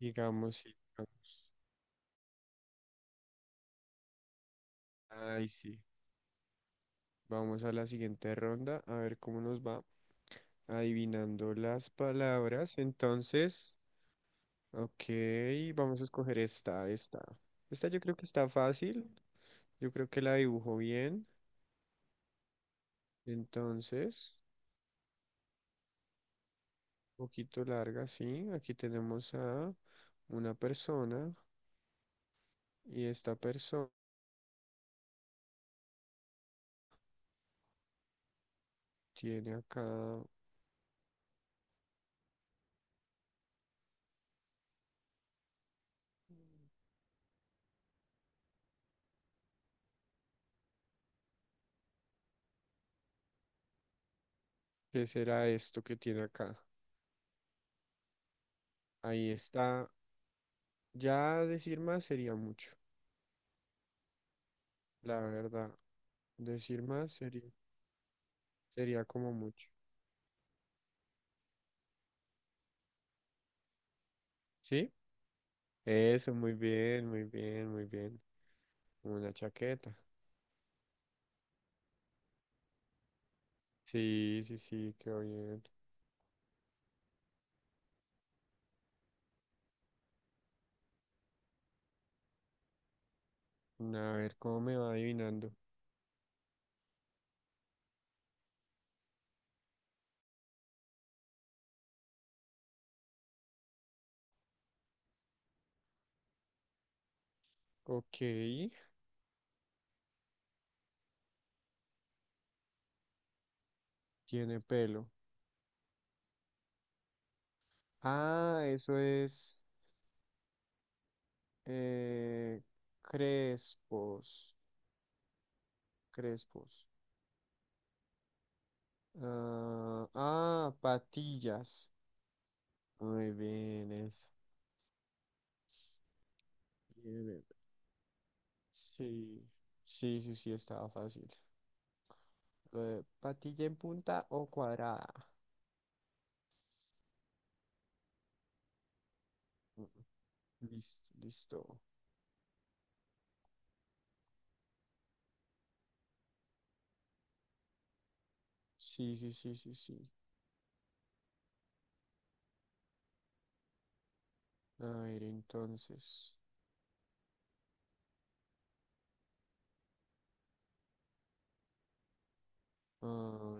Digamos, sí, digamos. Ahí sí. Vamos a la siguiente ronda, a ver cómo nos va adivinando las palabras. Entonces, ok, vamos a escoger esta, esta. Esta yo creo que está fácil, yo creo que la dibujo bien. Entonces, un poquito larga, sí. Aquí tenemos a una persona y esta persona tiene acá, ¿qué será esto que tiene acá? Ahí está. Ya decir más sería mucho, la verdad. Decir más sería, sería como mucho. ¿Sí? Eso, muy bien, muy bien, muy bien. Una chaqueta. Sí, sí, sí, quedó bien. A ver, ¿cómo me va adivinando? Ok, tiene pelo. Ah, eso es eh, crespos, crespos. Ah, ah, patillas. Muy bien, eso. Bien, bien. Sí, sí, sí, sí, estaba fácil. Patilla en punta o cuadrada. Mm, Listo, listo. Sí, sí, sí, sí, sí. A ver, entonces. A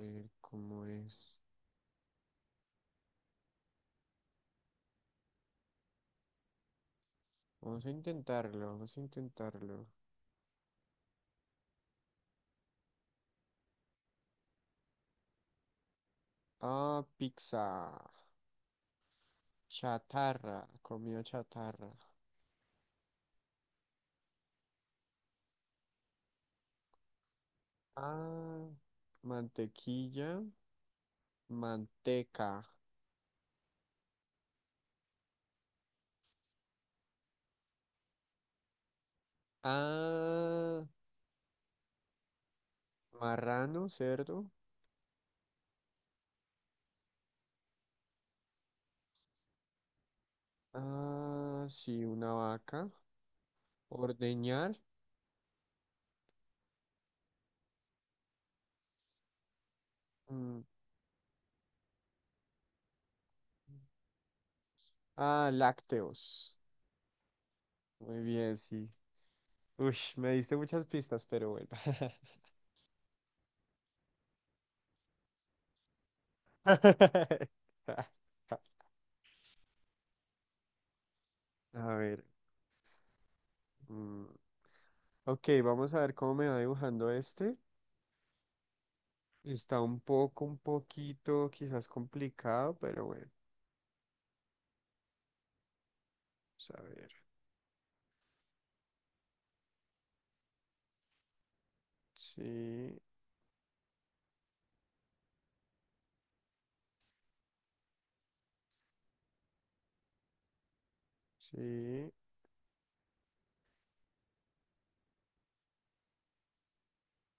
ver, ¿cómo es? Vamos a intentarlo, vamos a intentarlo. Ah, pizza. Chatarra, comida chatarra. Ah, mantequilla, manteca. Ah, marrano, cerdo. Ah, sí, una vaca. Ordeñar. mm, Ah, lácteos. Muy bien, sí. Uy, me diste muchas pistas, pero bueno. A ver. mm, Ok, vamos a ver cómo me va dibujando este. Está un poco, un poquito, quizás complicado, pero bueno. Vamos a ver. Sí, sí.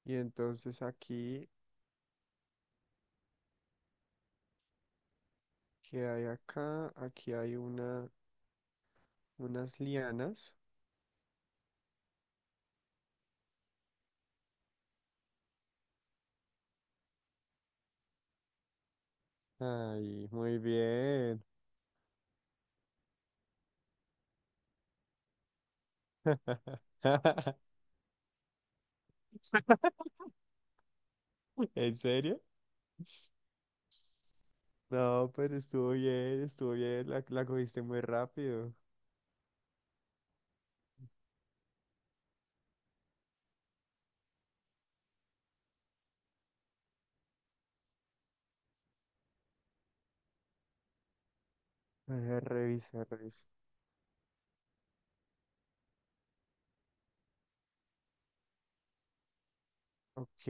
Y entonces aquí, ¿qué hay acá? Aquí hay una, unas lianas. Ay, muy bien. ¿En serio? No, pero estuvo bien, la cogiste muy rápido. A ver, revisa, revisa. Ok,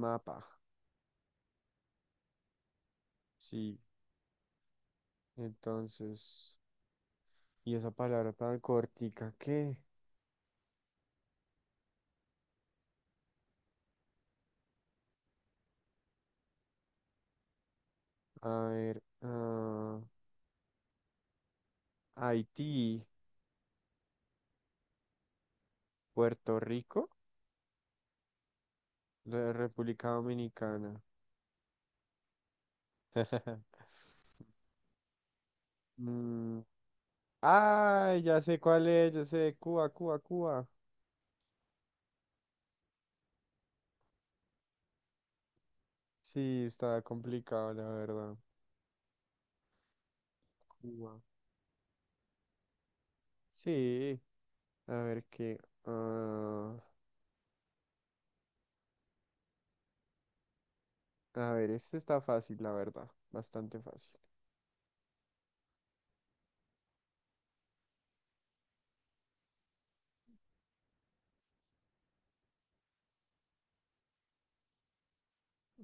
mapa. Sí, entonces. ¿Y esa palabra tan cortica qué? A ver, ah, Haití, Puerto Rico, la República Dominicana. Mm, Ah, ya sé cuál es, ya sé, Cuba, Cuba, Cuba. Sí, está complicado, la verdad. Cuba. Sí, a ver qué. Ah, a ver, este está fácil, la verdad. Bastante fácil.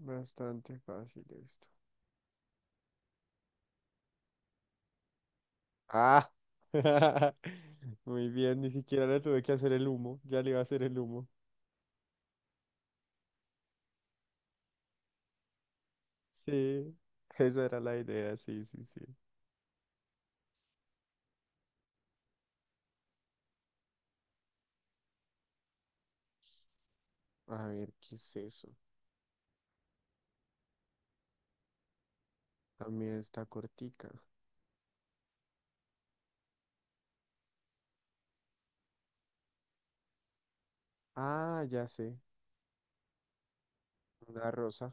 Bastante fácil esto. Ah, muy bien, ni siquiera le tuve que hacer el humo. Ya le iba a hacer el humo. Sí, esa era la idea, sí, sí, sí. A ver, ¿qué es eso? También está cortica. Ah, ya sé, una rosa.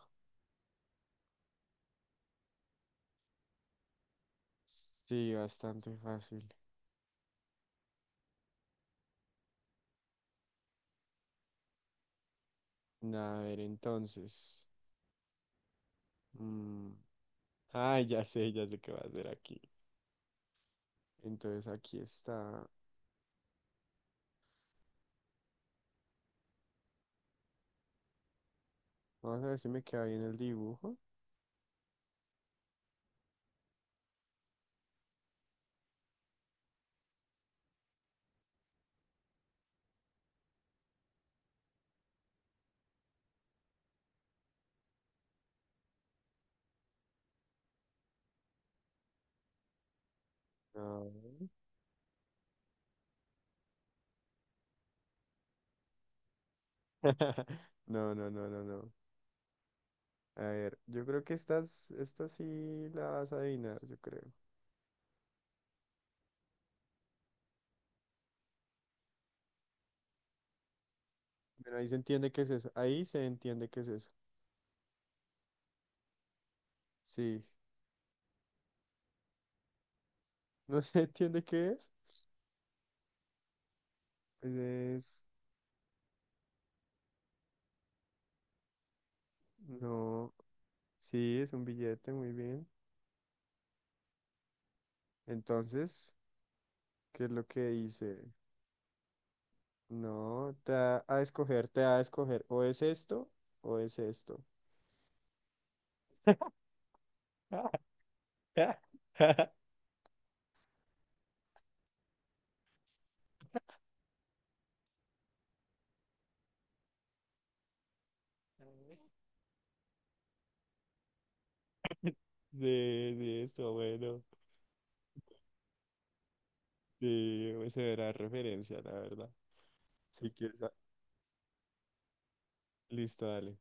Sí, bastante fácil. A ver, entonces. mm, Ah, ya sé qué va a hacer aquí. Entonces aquí está. Vamos a ver si me queda bien el dibujo. No. No, no, no, no, no. A ver, yo creo que estas, esta sí la vas a adivinar, yo creo. Bueno, ahí se entiende qué es eso. Ahí se entiende qué es eso. Sí. ¿No se entiende qué es? Pues es... No. Sí, es un billete, muy bien. Entonces, ¿qué es lo que dice? No, te da a escoger, te da a escoger. O es esto o es esto. De esto bueno. Sí, esa era la referencia, la verdad. Así que, esa- listo, dale.